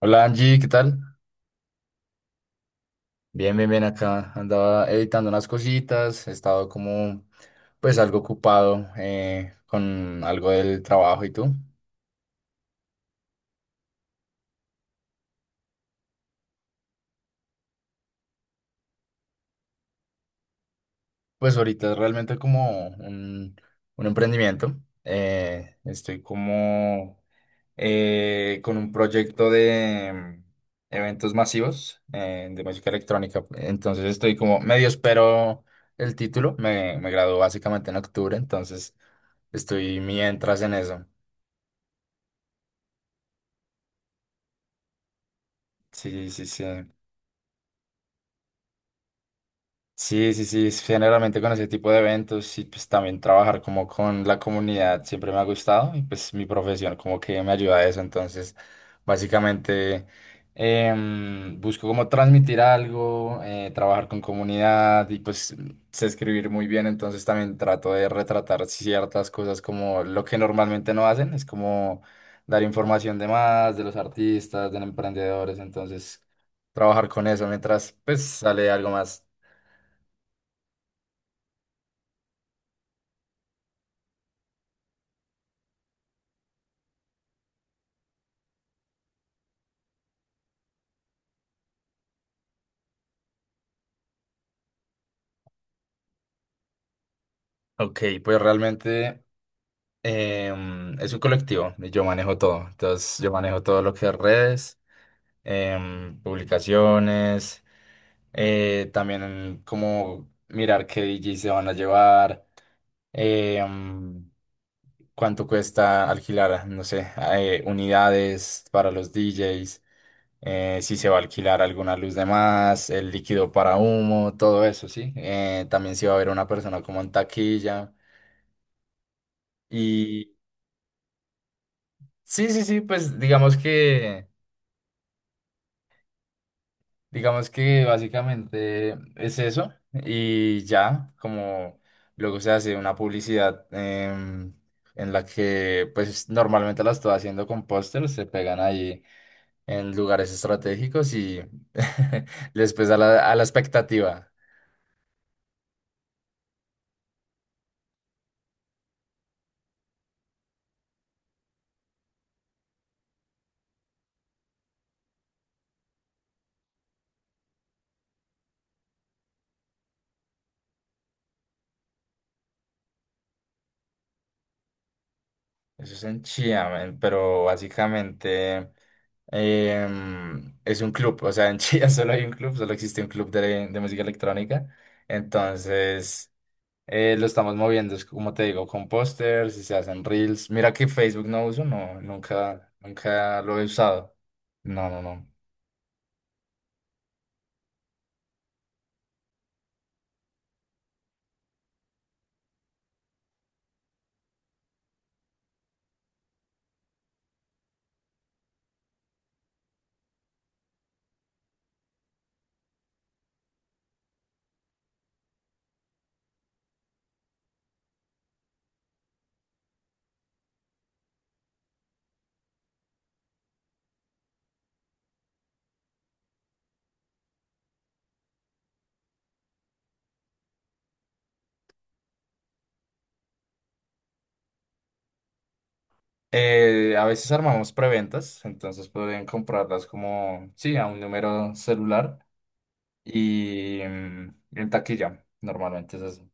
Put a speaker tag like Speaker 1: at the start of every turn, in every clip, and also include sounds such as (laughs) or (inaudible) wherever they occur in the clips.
Speaker 1: Hola Angie, ¿qué tal? Bien, bien, bien acá. Andaba editando unas cositas, he estado como pues algo ocupado, con algo del trabajo. ¿Y tú? Pues ahorita es realmente como un emprendimiento. Eh, estoy como con un proyecto de eventos masivos, de música electrónica. Entonces estoy como medio espero el título. Me graduó básicamente en octubre, entonces estoy mientras en eso. Sí, sí, sí. Sí, sí, sí, es generalmente con ese tipo de eventos y pues también trabajar como con la comunidad siempre me ha gustado, y pues mi profesión como que me ayuda a eso. Entonces básicamente busco como transmitir algo, trabajar con comunidad. Y pues sé escribir muy bien, entonces también trato de retratar ciertas cosas como lo que normalmente no hacen. Es como dar información de más, de los artistas, de los emprendedores. Entonces trabajar con eso mientras pues sale algo más. Ok, pues realmente es un colectivo y yo manejo todo. Entonces, yo manejo todo lo que es redes, publicaciones, también como mirar qué DJ se van a llevar, em, cuánto cuesta alquilar, no sé, unidades para los DJs, si se va a alquilar alguna luz de más, el líquido para humo, todo eso, ¿sí? También si va a haber una persona como en taquilla. Y sí, sí, sí, pues digamos que básicamente es eso y ya. Como luego se hace una publicidad, en la que pues normalmente la estoy haciendo con pósters, se pegan ahí en lugares estratégicos y (laughs) les pesa a la expectativa. Eso es en Chía, pero básicamente es un club. O sea, en Chía (laughs) solo hay un club, solo existe un club de música electrónica. Entonces lo estamos moviendo, es como te digo, con pósters y se hacen reels. Mira que Facebook no uso, no, nunca, nunca lo he usado. No, no, no. A veces armamos preventas, entonces pueden comprarlas como, sí, a un número celular y en taquilla, normalmente es así.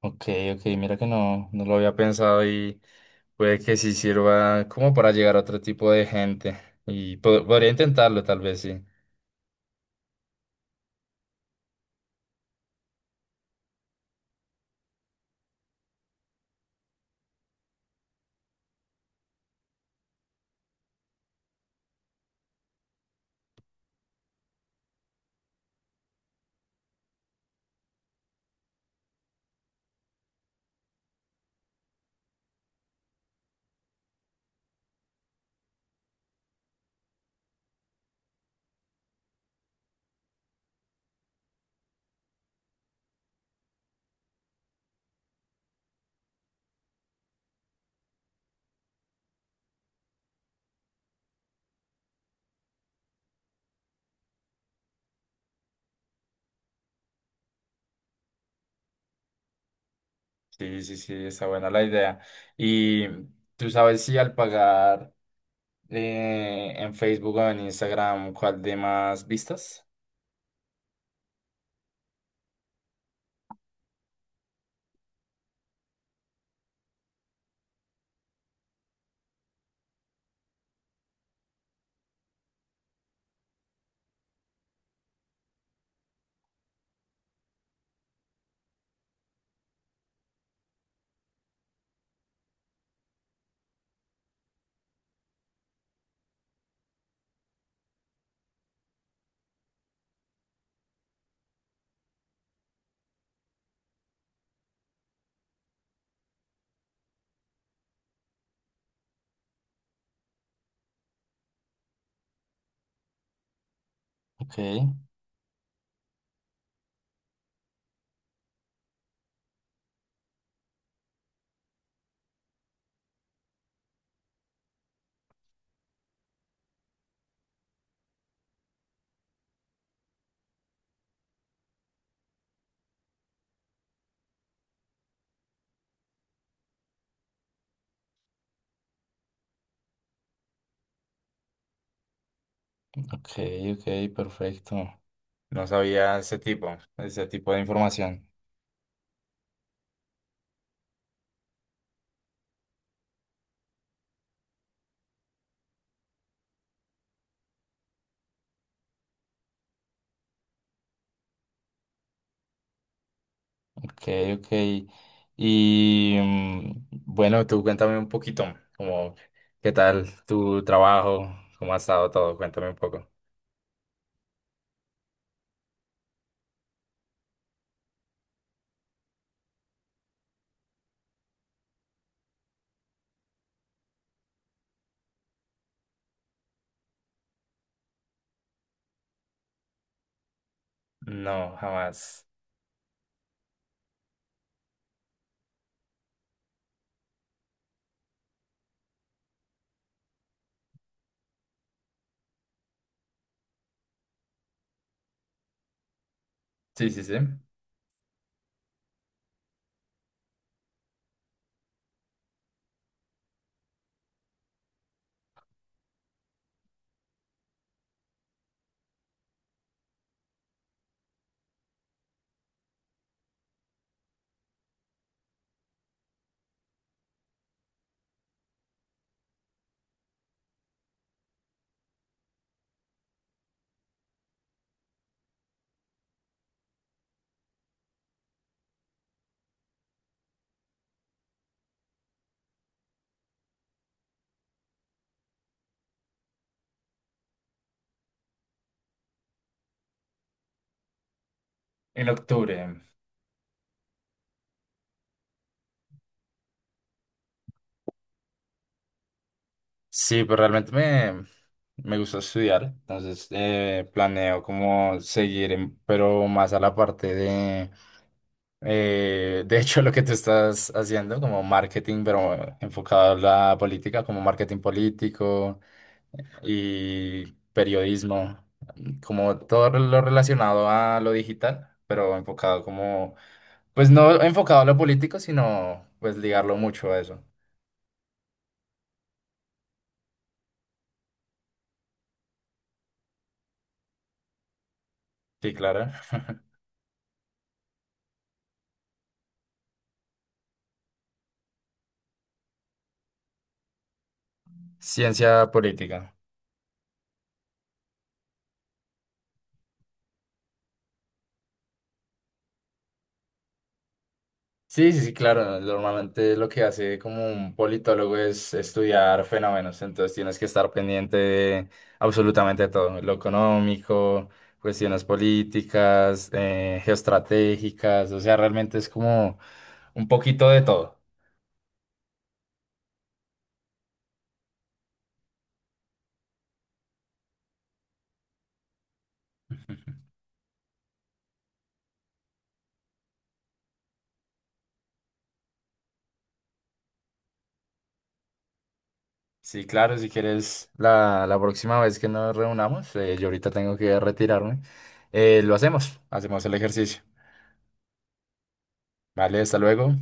Speaker 1: Ok, ok, mira que no, no lo había pensado, y puede que sí sirva como para llegar a otro tipo de gente. Y podría intentarlo, tal vez sí. Sí, sí, sí, está buena la idea. Y tú sabes si al pagar en Facebook o en Instagram, ¿cuál de más vistas? Ok, ok, ok, perfecto. No sabía ese tipo de información. Ok, ok. Y mm, bueno, tú cuéntame un poquito, como, ¿qué tal tu trabajo? ¿Cómo ha estado todo? Cuéntame un poco. No, jamás. Sí, sí, sí. En octubre. Sí, pero realmente me gusta estudiar, entonces planeo como seguir, pero más a la parte de hecho, (laughs) lo que tú estás haciendo, como marketing, pero enfocado a la política, como marketing político. Y periodismo, como todo lo relacionado a lo digital, pero enfocado como, pues no enfocado a lo político, sino pues ligarlo mucho a eso. Sí, claro. Ciencia política. Sí, sí, sí, claro. Normalmente lo que hace como un politólogo es estudiar fenómenos, entonces tienes que estar pendiente de absolutamente todo, lo económico, cuestiones políticas, geoestratégicas. O sea, realmente es como un poquito de todo. Sí, claro, si quieres, la próxima vez que nos reunamos, yo ahorita tengo que retirarme, lo hacemos, hacemos el ejercicio. Vale, hasta luego.